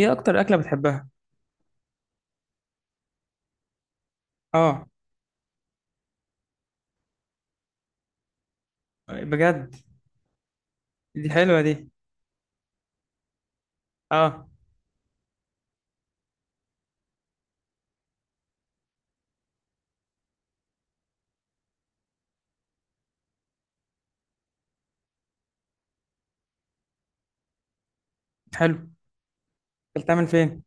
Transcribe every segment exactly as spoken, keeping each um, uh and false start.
ايه اكتر اكله بتحبها؟ اه، بجد؟ دي حلوه دي. اه. حلو. اكلتها من فين؟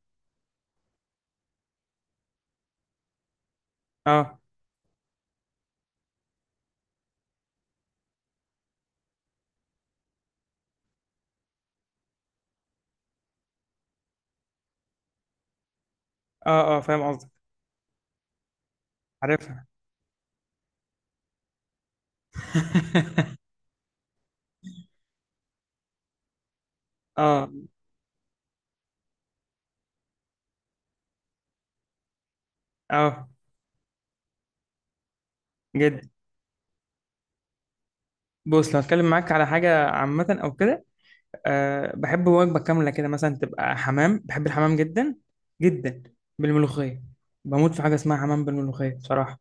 اه اه، اه فاهم قصدك. عارفها. اه اه. جد؟ بص، لو اتكلم معاك على حاجه عامه او كده، أه بحب وجبه كامله كده مثلا تبقى حمام، بحب الحمام جدا جدا، بالملوخيه. بموت في حاجه اسمها حمام بالملوخيه بصراحه.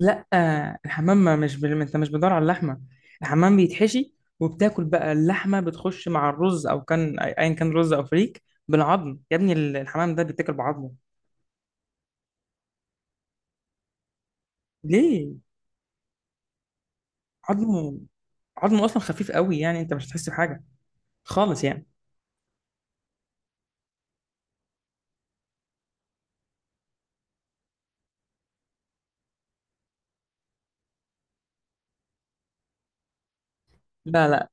لا آه، الحمام ما مش بال... انت مش بتدور على اللحمه. الحمام بيتحشي وبتاكل بقى اللحمه، بتخش مع الرز او كان ايا كان رز او فريك بالعظم يا ابني. ال- الحمام ده بيتاكل بعظمه. ليه؟ عظمه. عظمه اصلا خفيف قوي، يعني انت مش هتحس بحاجه خالص يعني. لا لا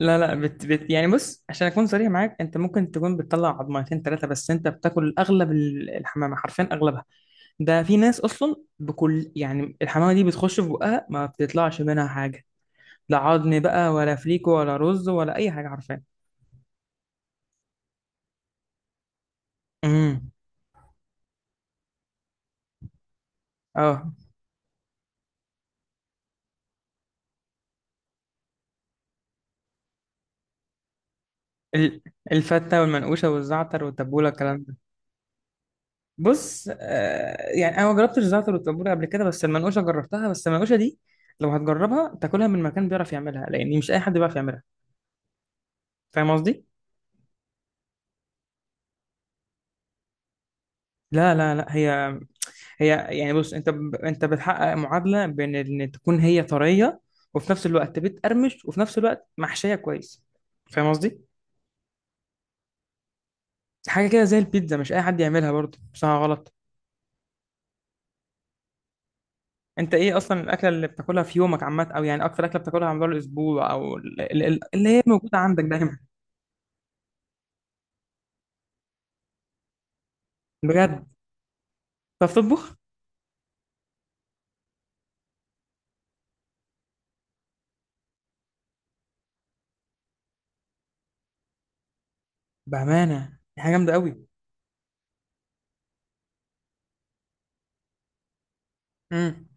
لا لا بت... بت... يعني بص، عشان اكون صريح معاك، انت ممكن تكون بتطلع عظمتين ثلاثه، بس انت بتاكل اغلب ال- الحمامه، حرفيا اغلبها. ده في ناس اصلا بكل، يعني الحمامه دي بتخش في بقها ما بتطلعش منها حاجه، لا عظم بقى ولا فليكو ولا رز ولا اي حاجه، عارفاه. امم. اه. ال- الفته والمنقوشه والزعتر والتبوله الكلام ده. بص آه، يعني انا ما جربتش الزعتر والتبوله قبل كده، بس المنقوشه جربتها. بس المنقوشه دي لو هتجربها تاكلها من مكان بيعرف يعملها، لان مش اي حد بيعرف يعملها. فاهم قصدي؟ لا لا لا هي هي يعني. بص، انت ب... انت بتحقق معادله بين ان تكون هي طريه، وفي نفس الوقت بتقرمش، وفي نفس الوقت محشيه كويس. فاهم قصدي؟ حاجه كده زي البيتزا، مش اي حد يعملها برضه، صح ولا غلط؟ انت ايه اصلا الاكله اللي بتاكلها في يومك عامه، او يعني اكتر اكله بتاكلها على مدار الاسبوع، او ال- ال- ال- اللي هي موجوده عندك دايما؟ بجد؟ بتعرف تطبخ؟ بامانه دي حاجه جامده قوي. امم.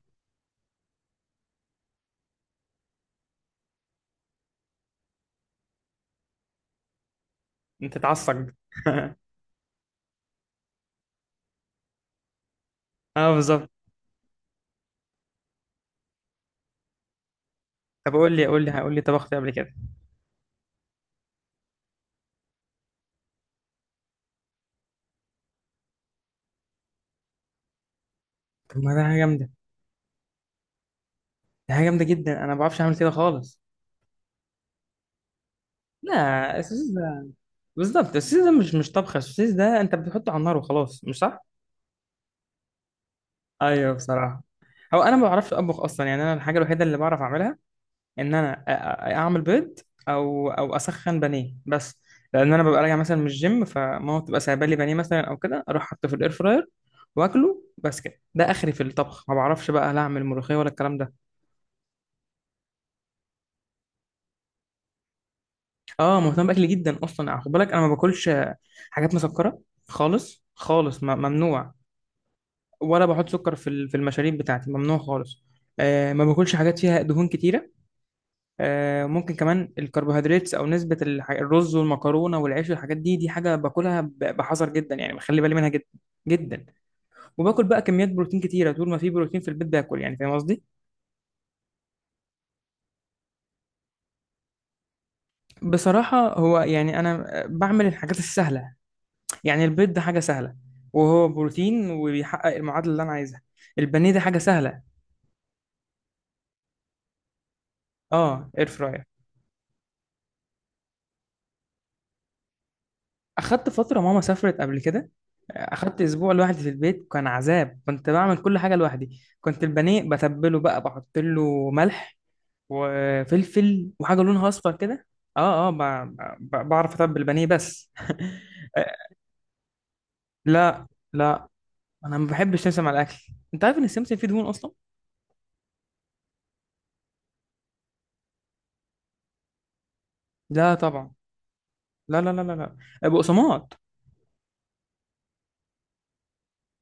انت تعصب؟ اه بالظبط. طب قول لي قول لي قول لي، طبخت إيه قبل كده؟ طب ما ده حاجه جامده، ده حاجه جامده جدا، انا ما بعرفش اعمل كده خالص. لا السوسيس ده، بالظبط السوسيس ده مش مش طبخه، السوسيس ده انت بتحطه على النار وخلاص، مش صح؟ ايوه بصراحه، هو انا ما بعرفش اطبخ اصلا، يعني انا الحاجه الوحيده اللي بعرف اعملها ان انا أ- أ- اعمل بيض، او او اسخن بانيه بس، لان انا ببقى راجع مثلا من الجيم فماما بتبقى سايبه لي بانيه مثلا، او كده اروح حاطه في الاير فراير واكله، بس كده. ده اخري في الطبخ، ما بعرفش بقى لا اعمل ملوخيه ولا الكلام ده. اه مهتم باكلي جدا اصلا، خد بالك انا ما باكلش حاجات مسكره خالص خالص، م- ممنوع. ولا بحط سكر في ال- في المشاريب بتاعتي، ممنوع خالص. آه ما باكلش حاجات فيها دهون كتيره. آه، ممكن كمان الكربوهيدرات او نسبه الح- الرز والمكرونه والعيش والحاجات دي، دي حاجه باكلها ب- بحذر جدا، يعني بخلي بالي منها جدا جدا. وباكل بقى كميات بروتين كتيره، طول ما في بروتين في البيت باكل، يعني فاهم قصدي. بصراحه هو يعني انا آه، بعمل الحاجات السهله. يعني البيض ده حاجه سهله، وهو بروتين وبيحقق المعادله اللي انا عايزها. البانيه ده حاجه سهله. اه اير فراير. اخدت فتره ماما سافرت قبل كده، اخدت اسبوع لوحدي في البيت، كان عذاب، كنت بعمل كل حاجه لوحدي. كنت البانيه بتبله بقى، بحط له ملح وفلفل وحاجه لونها اصفر كده. اه اه، ب... ب... بعرف اتبل البانيه بس. لا لا، انا ما بحبش سمسم على الاكل. انت عارف ان السمسم فيه دهون اصلا. لا طبعا. لا لا لا لا، لا بقسماط.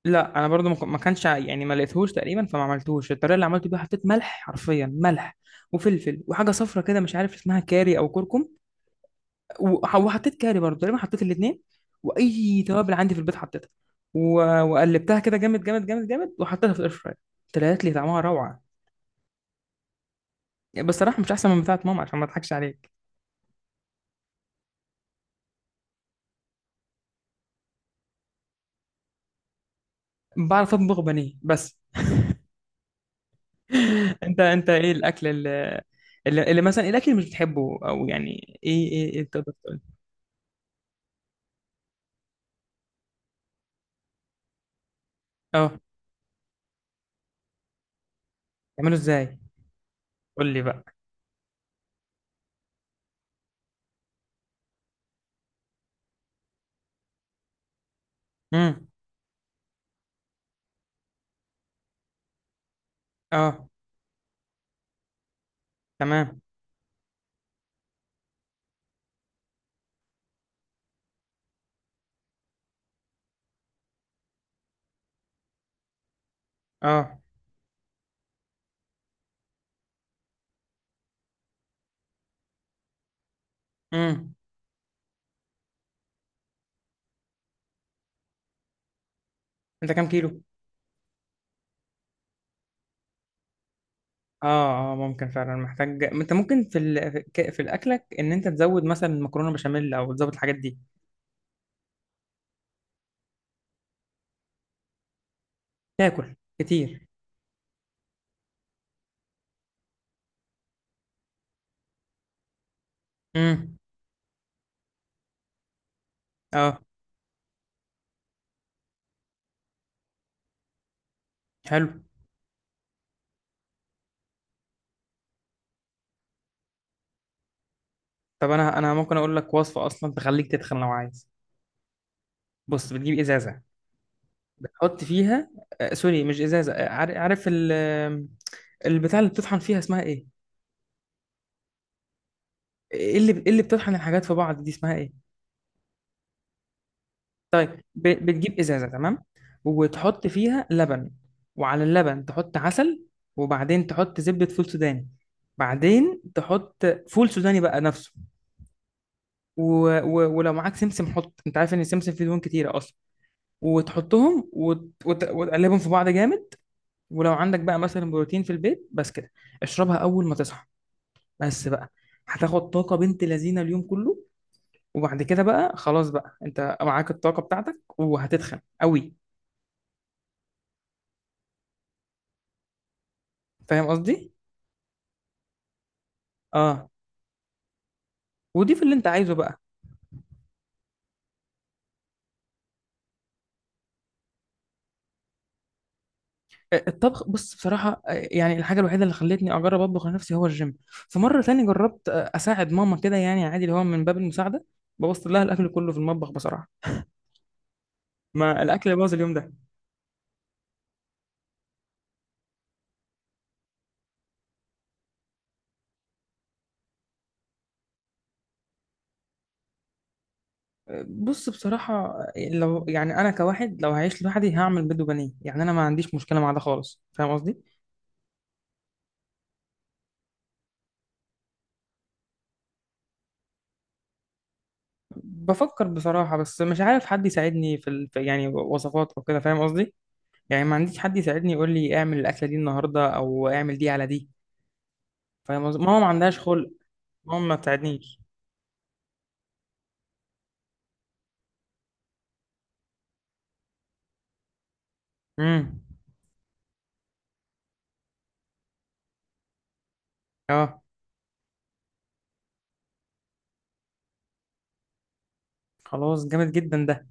لا انا برضو ما ك- ما كانش ع- يعني ما لقيتهوش تقريبا، فما عملتوش. الطريقه اللي عملته بيها، حطيت ملح، حرفيا ملح، وفلفل، وحاجه صفرة كده مش عارف اسمها، كاري او كركم. وح- وحطيت كاري برضو تقريبا، حطيت الاثنين، واي توابل عندي في البيت حطيتها. و- وقلبتها كده جامد جامد جامد جامد، وحطيتها في الاير فراير. طلعت لي طعمها روعه. يعني بصراحه مش احسن من بتاعه ماما، عشان ما اضحكش عليك. بعرف اطبخ بانيه بس. انت انت ايه الاكل اللي، اللي, اللي مثلا، إيه الاكل اللي مش بتحبه، او يعني ايه ايه, إيه تقدر تقول؟ اه تعمله ازاي؟ قول لي بقى. امم. اه. تمام. اه. امم. انت كام كيلو؟ اه اه، ممكن فعلا محتاج، انت ممكن في ال... في ك- في الاكلك ان انت تزود مثلا مكرونه بشاميل، او تزود الحاجات دي. تاكل كتير. امم. اه. حلو. طب انا انا ممكن اقول لك وصفه اصلا تخليك تتخن لو عايز. بص بتجيب ازازه، بتحط فيها، آه سوري مش ازازه، آه، عار- عارف ال... آه، البتاع اللي بتطحن فيها اسمها ايه؟ ايه اللي، إيه اللي بتطحن الحاجات في بعض دي اسمها ايه؟ طيب. ب- بتجيب ازازه، تمام، وتحط فيها لبن، وعلى اللبن تحط عسل، وبعدين تحط زبده فول سوداني، بعدين تحط فول سوداني بقى نفسه. و... و... ولو معاك سمسم حط، انت عارف ان السمسم فيه دهون كتيره اصلا، وتحطهم وت... وت... وتقلبهم في بعض جامد. ولو عندك بقى مثلا بروتين في البيت، بس كده، اشربها اول ما تصحى، بس بقى. هتاخد طاقه بنت لذينه اليوم كله. وبعد كده بقى خلاص، بقى انت معاك الطاقه بتاعتك، وهتتخن قوي. فاهم قصدي؟ اه وضيف اللي انت عايزه بقى. الطبخ، بص بصراحة آه، يعني الحاجة الوحيدة اللي خلتني أجرب أطبخ لنفسي هو الجيم. في مرة تاني جربت آه، أساعد ماما كده يعني عادي، اللي هو من باب المساعدة، بوظت لها الأكل كله في المطبخ بصراحة. ما الأكل باظ اليوم ده. آه، بص بصراحة آه، لو يعني أنا كواحد لو هعيش لوحدي هعمل بيض وبانيه، يعني أنا ما عنديش مشكلة مع ده خالص. فاهم قصدي؟ بفكر بصراحة، بس مش عارف حد يساعدني في ال... في- يعني وصفات أو كده، فاهم قصدي؟ يعني ما عنديش حد يساعدني يقول لي اعمل الأكلة دي النهاردة أو اعمل دي على دي. فاهم قصدي؟ ماما ما عندهاش خلق. ماما ما بتساعدنيش. امم. اه خلاص جامد جدا ده.